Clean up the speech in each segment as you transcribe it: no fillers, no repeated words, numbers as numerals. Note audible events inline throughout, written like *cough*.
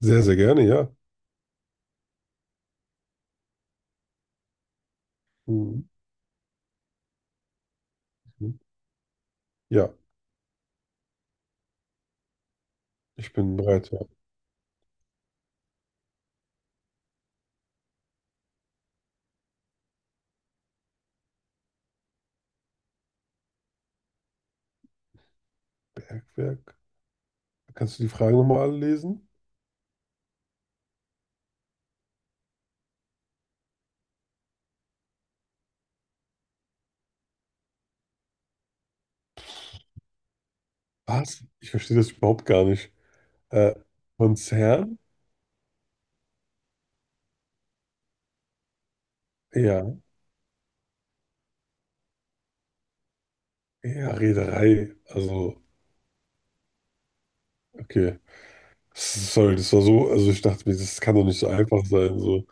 Sehr, sehr gerne, ja. Mhm. Ja, ich bin bereit. Ja. Bergwerk. Kannst du die Fragen nochmal alle lesen? Was? Ich verstehe das überhaupt gar nicht. Äh, Konzern? Ja. Ja, Reederei. Also, okay. Sorry, das war so, also ich dachte mir, das kann doch nicht so einfach sein. So.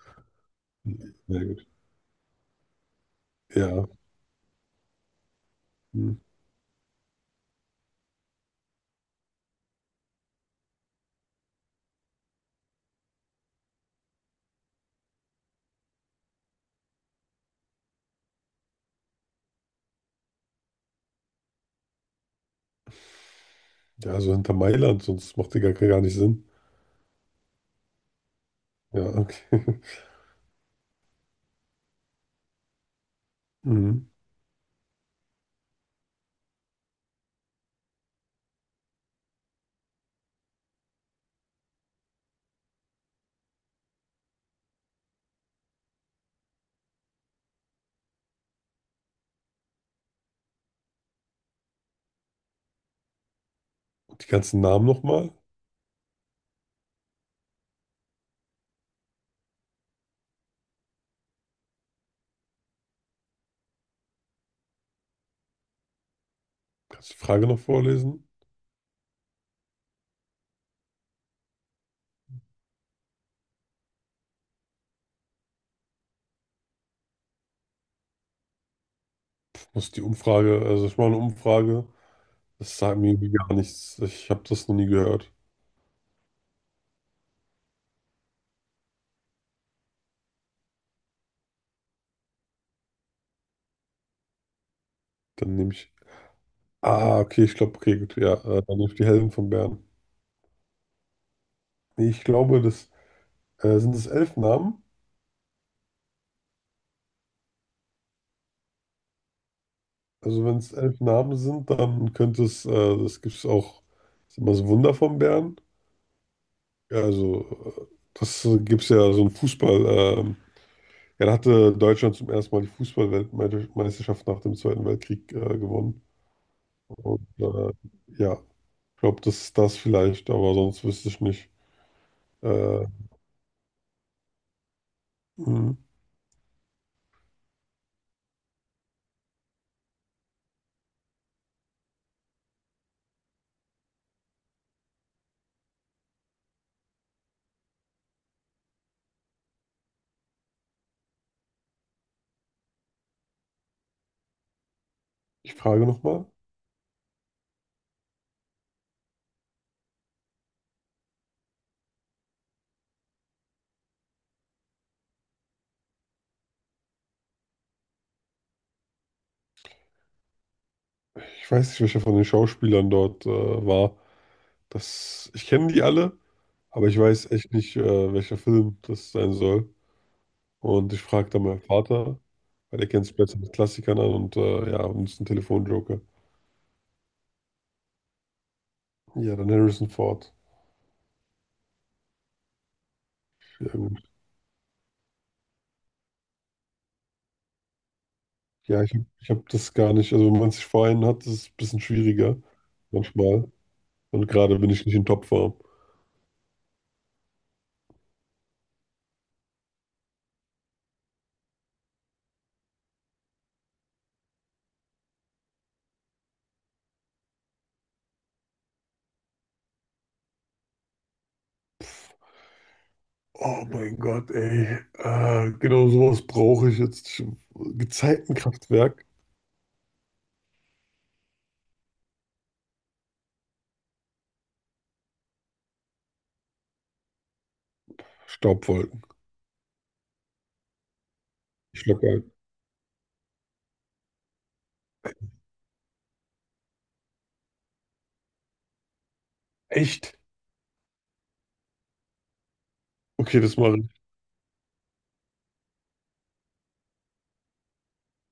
Na gut. Ja. Hm. Ja, also hinter Mailand, sonst macht die gar, gar nicht Sinn. Ja, okay. *laughs* Mhm. Und die ganzen Namen nochmal? Kannst du die Frage noch vorlesen? Muss die Umfrage, also ich mache eine Umfrage. Das sagt mir irgendwie gar nichts. Ich habe das noch nie gehört. Dann nehme ich. Ah, okay, ich glaube, okay, gut, ja. Dann nehme ich die Helden von Bern. Nee, ich glaube, das sind es elf Namen. Also wenn es elf Namen sind, dann könnte es, das gibt es auch, ist immer das Wunder von Bern. Ja, also das gibt es ja so ein Fußball. ähm, ja, da hatte Deutschland zum ersten Mal die Fußballweltmeisterschaft nach dem Zweiten Weltkrieg gewonnen. Und ja, ich glaube, das ist das vielleicht, aber sonst wüsste ich nicht. Äh, mh. Ich frage nochmal. Ich weiß nicht, welcher von den Schauspielern dort war. Das, ich kenne die alle, aber ich weiß echt nicht, welcher Film das sein soll. Und ich frage dann meinen Vater, weil der kennt sich besser mit Klassikern an und ja, und ist ein Telefonjoker. Ja, dann Harrison Ford. Ja, gut. Ja, ich habe das gar nicht. Also, wenn man sich vor einen hat, ist es ein bisschen schwieriger manchmal. Und gerade bin ich nicht in Topform. Oh mein Gott, ey. Genau sowas brauche ich jetzt. Gezeitenkraftwerk. Staubwolken. Ich glaube. Echt? Okay, das mache ich.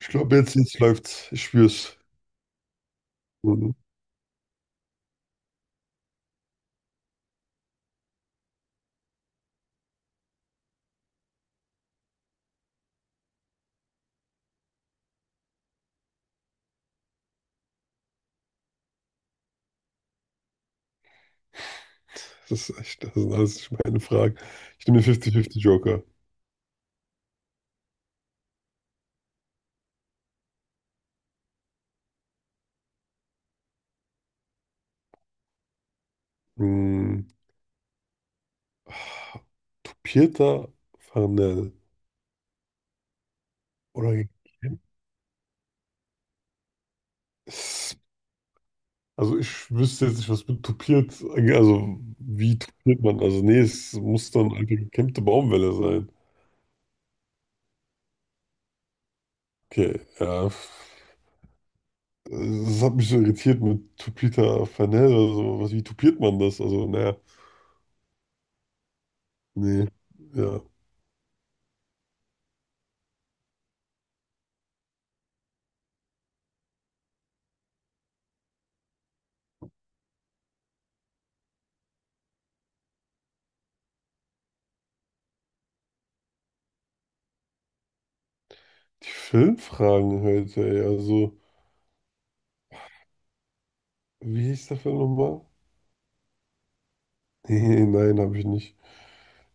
Ich glaube, jetzt läuft's. Ich spür's. Mhm. Das ist echt, das sind alles nicht meine Fragen. Ich nehme den 50-50 Joker. Mhm. Ach, Pieter Farnell. Oder es-, also ich wüsste jetzt nicht, was mit tupiert, also wie tupiert man? Also nee, es muss dann eine gekämmte Baumwelle sein. Okay, ja. Das hat mich so irritiert mit Tupita Fanel oder so. Was, wie tupiert man das? Also, naja, nee, ja. Die Filmfragen heute, ey. Also, wie hieß der Film nochmal? *laughs* Nee, nein, habe ich nicht.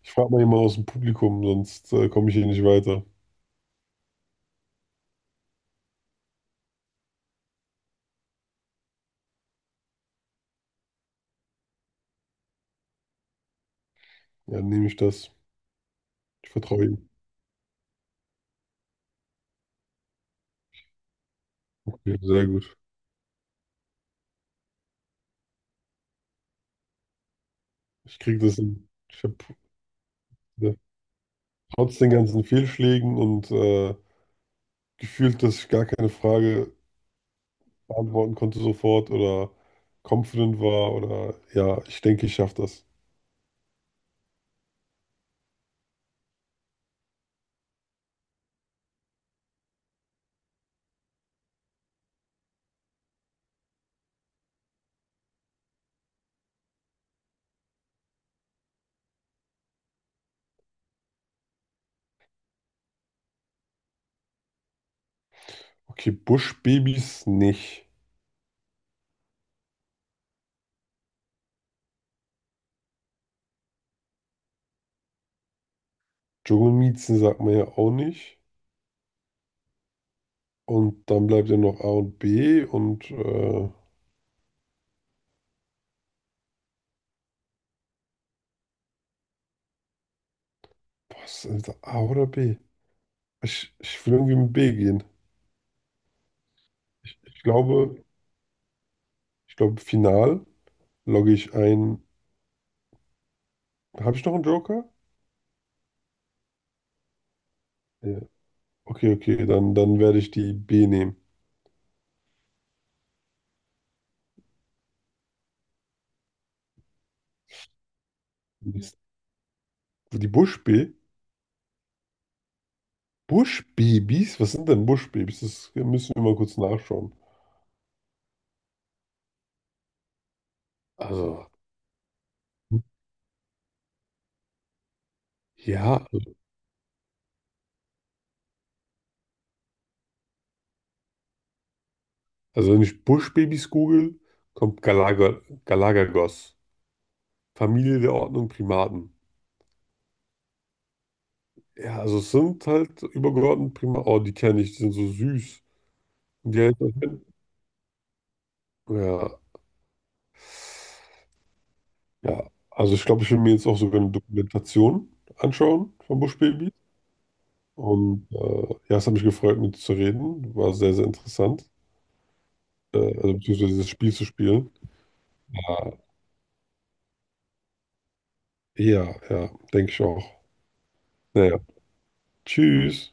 Ich frage mal jemanden aus dem Publikum, sonst komme ich hier nicht weiter. Ja, nehme ich das. Ich vertraue ihm. Ja, sehr gut. Ich kriege das hin. Ich habe ja, trotz den ganzen Fehlschlägen und gefühlt, dass ich gar keine Frage beantworten konnte sofort oder confident war oder ja, ich denke, ich schaffe das. Okay, Buschbabys nicht. Dschungelmiezen sagt man ja auch nicht. Und dann bleibt ja noch A und B und was ist A oder B? Ich will irgendwie mit B gehen. Ich, ich glaube, ich glaube, final logge ich ein. Habe ich noch einen Joker? Ja. Okay, okay, dann werde ich die B nehmen. Mist. Die Buschbee? Buschbabys? Was sind denn Buschbabys? Das müssen wir mal kurz nachschauen. Also, ja, also wenn ich Buschbabys google, kommt Galaga, Galagagos, Familie der Ordnung Primaten. Ja, also es sind halt übergeordnet prima. Oh, die kenne ich, die sind so süß. Und die helfen. Ja, ja. Also ich glaube, ich will mir jetzt auch sogar eine Dokumentation anschauen von Buschbaby. Und ja, es hat mich gefreut, mit dir zu reden. War sehr, sehr interessant. Also beziehungsweise dieses Spiel zu spielen. Ja, ja, ja, denke ich auch. Naja, tschüss.